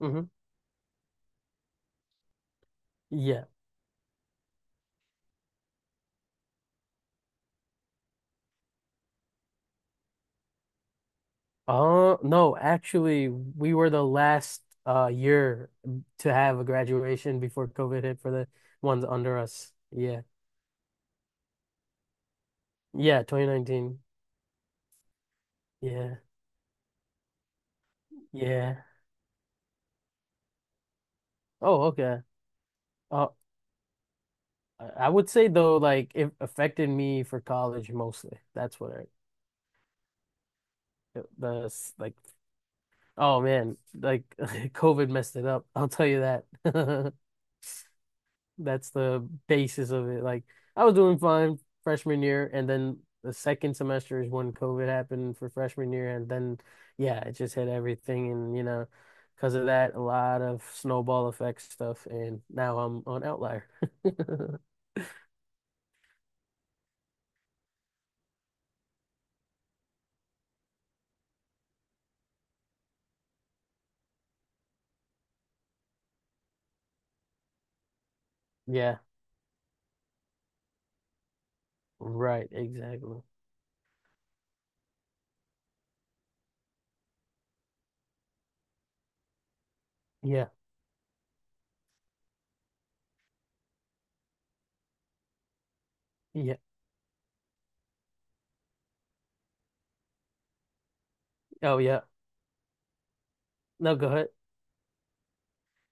Hmm. Yeah. No, actually, we were the last year to have a graduation before COVID hit for the ones under us. Yeah. Yeah, 2019. Yeah. Yeah. Oh, okay. Uh, I would say though, like it affected me for college mostly. That's what I. the like Oh man, like COVID messed it up. I'll tell you that. That's the basis of it. Like I was doing fine freshman year, and then the second semester is when COVID happened for freshman year, and then yeah, it just hit everything, and because of that, a lot of snowball effect stuff, and now I'm on Outlier. Yeah, right, exactly. Yeah, yeah. Oh yeah. No, go ahead.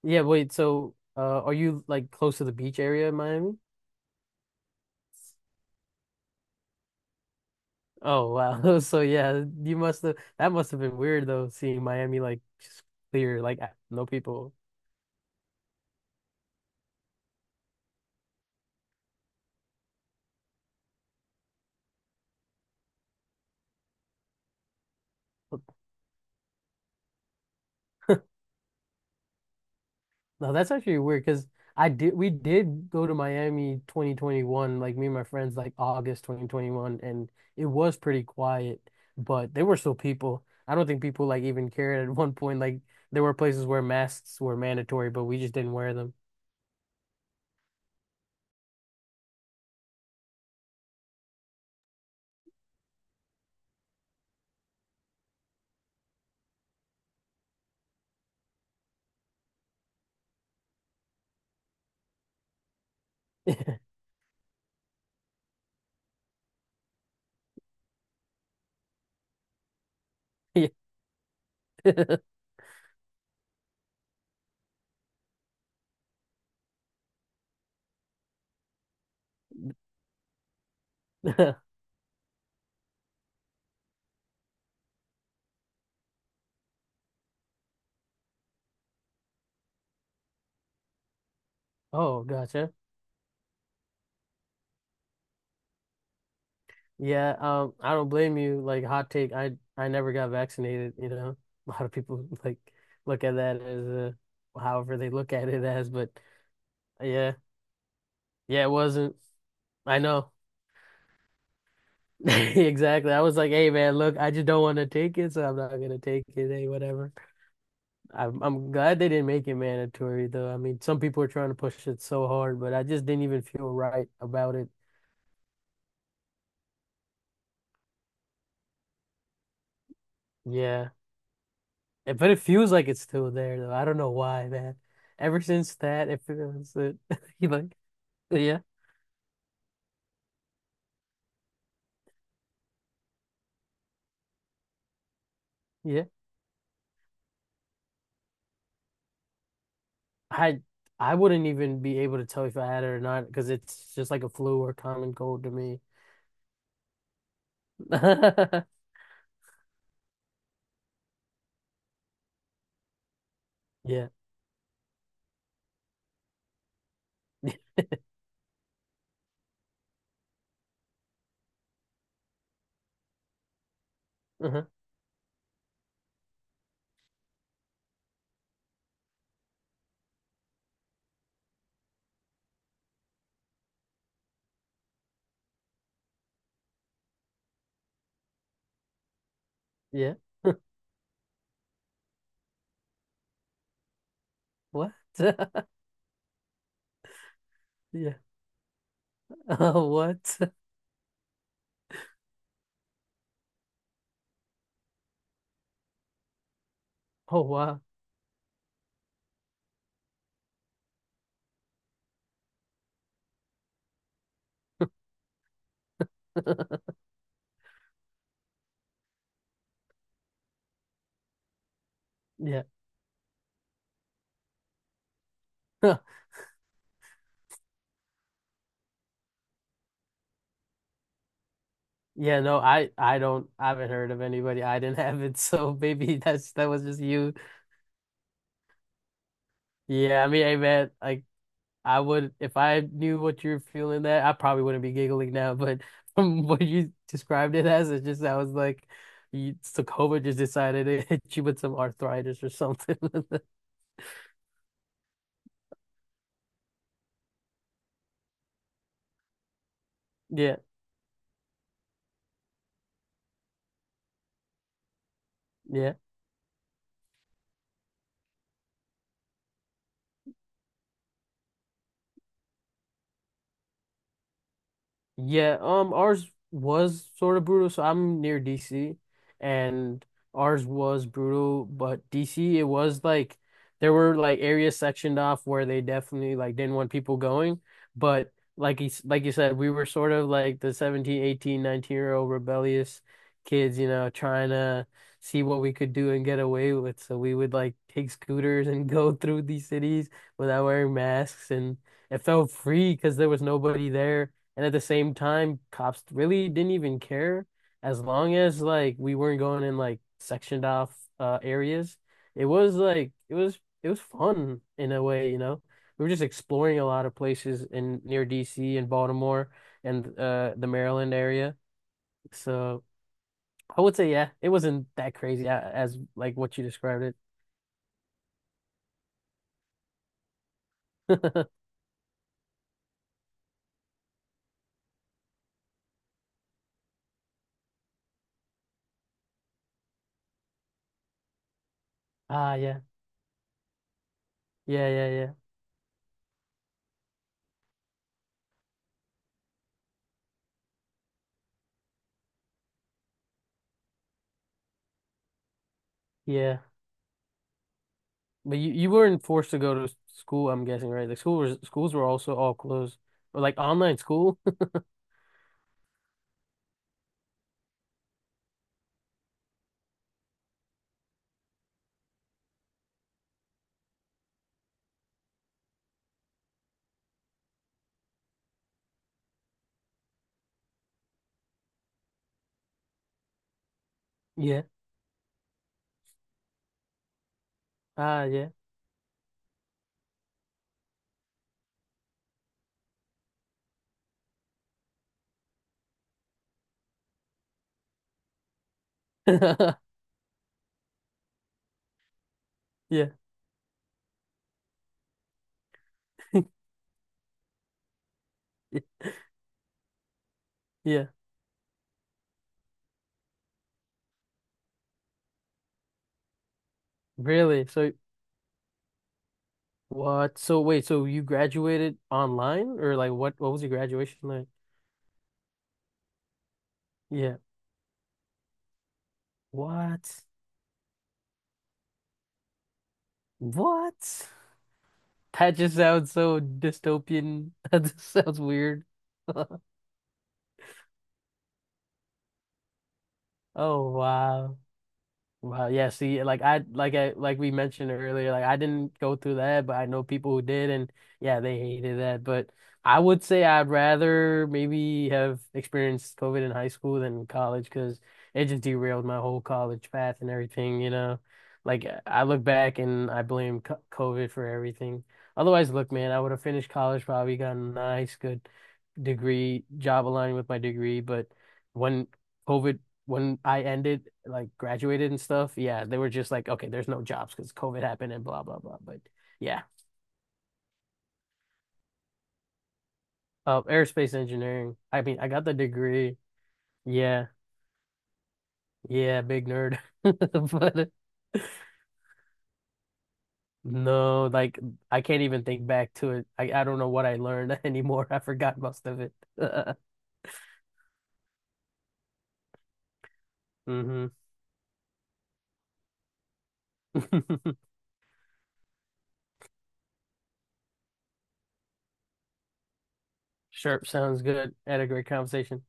Yeah, wait. So, are you like close to the beach area in Miami? Oh wow. So yeah, you must have that must have been weird though, seeing Miami like just clear, no people. No, that's actually weird because I did we did go to Miami 2021, like me and my friends, like August 2021, and it was pretty quiet, but there were still people. I don't think people like even cared at one point. Like there were places where masks were mandatory, but we just didn't wear them. Yeah. Oh, gotcha. Yeah, I don't blame you. Like hot take, I never got vaccinated. A lot of people like look at that as however they look at it as, but yeah, yeah, it wasn't. I know. Exactly. I was like, "Hey man, look, I just don't want to take it, so I'm not gonna take it. Hey, whatever." I'm glad they didn't make it mandatory though. I mean, some people are trying to push it so hard, but I just didn't even feel right about it. Yeah. Eh, but it feels like it's still there though. I don't know why, man. Ever since that, it feels it. You like, yeah, yeah. I I wouldn't even be able to tell if I had it or not because it's just like a flu or common cold to me. Yeah. Uh-huh. Yeah. What? Yeah. Oh, what? Oh, wow. Yeah. Yeah, no, I haven't heard of anybody. I didn't have it, so maybe that was just you. Yeah, I mean, hey man, like I would, if I knew what you're feeling that, I probably wouldn't be giggling now. But from what you described it as, it's just I was like, so COVID just decided it hit you with some arthritis or something. Yeah, yeah. Yeah, ours was sort of brutal. So I'm near DC, and ours was brutal, but DC, it was like there were like areas sectioned off where they definitely like didn't want people going. But like like you said, we were sort of like the 17, 18, 19-year old rebellious kids, trying to see what we could do and get away with. So we would like take scooters and go through these cities without wearing masks, and it felt free because there was nobody there and at the same time, cops really didn't even care as long as like we weren't going in like sectioned off areas. It was like it was fun in a way. We were just exploring a lot of places in near DC and Baltimore and the Maryland area. So I would say yeah, it wasn't that crazy as like what you described it. Ah yeah. Yeah, yeah, yeah. Yeah. But you weren't forced to go to school, I'm guessing, right? Like schools were also all closed. Or like online school. Yeah. Ah, yeah. Yeah. Yeah. Really? So what? So wait, so you graduated online or like what was your graduation like? Yeah. What? What? That just sounds so dystopian. That just sounds weird. Oh wow. Wow, yeah, see, like we mentioned earlier, like I didn't go through that, but I know people who did and yeah, they hated that. But I would say I'd rather maybe have experienced COVID in high school than college because it just derailed my whole college path and everything. Like I look back and I blame COVID for everything. Otherwise, look, man, I would have finished college, probably gotten a nice, good degree, job aligned with my degree, but when COVID when I ended, like graduated and stuff, yeah, they were just like, okay, there's no jobs because COVID happened and blah blah blah. But yeah, aerospace engineering. I mean, I got the degree. Yeah, yeah, big nerd. But no, like I can't even think back to it. I don't know what I learned anymore. I forgot most of it. Hmm. Sure, sounds good. Had a great conversation.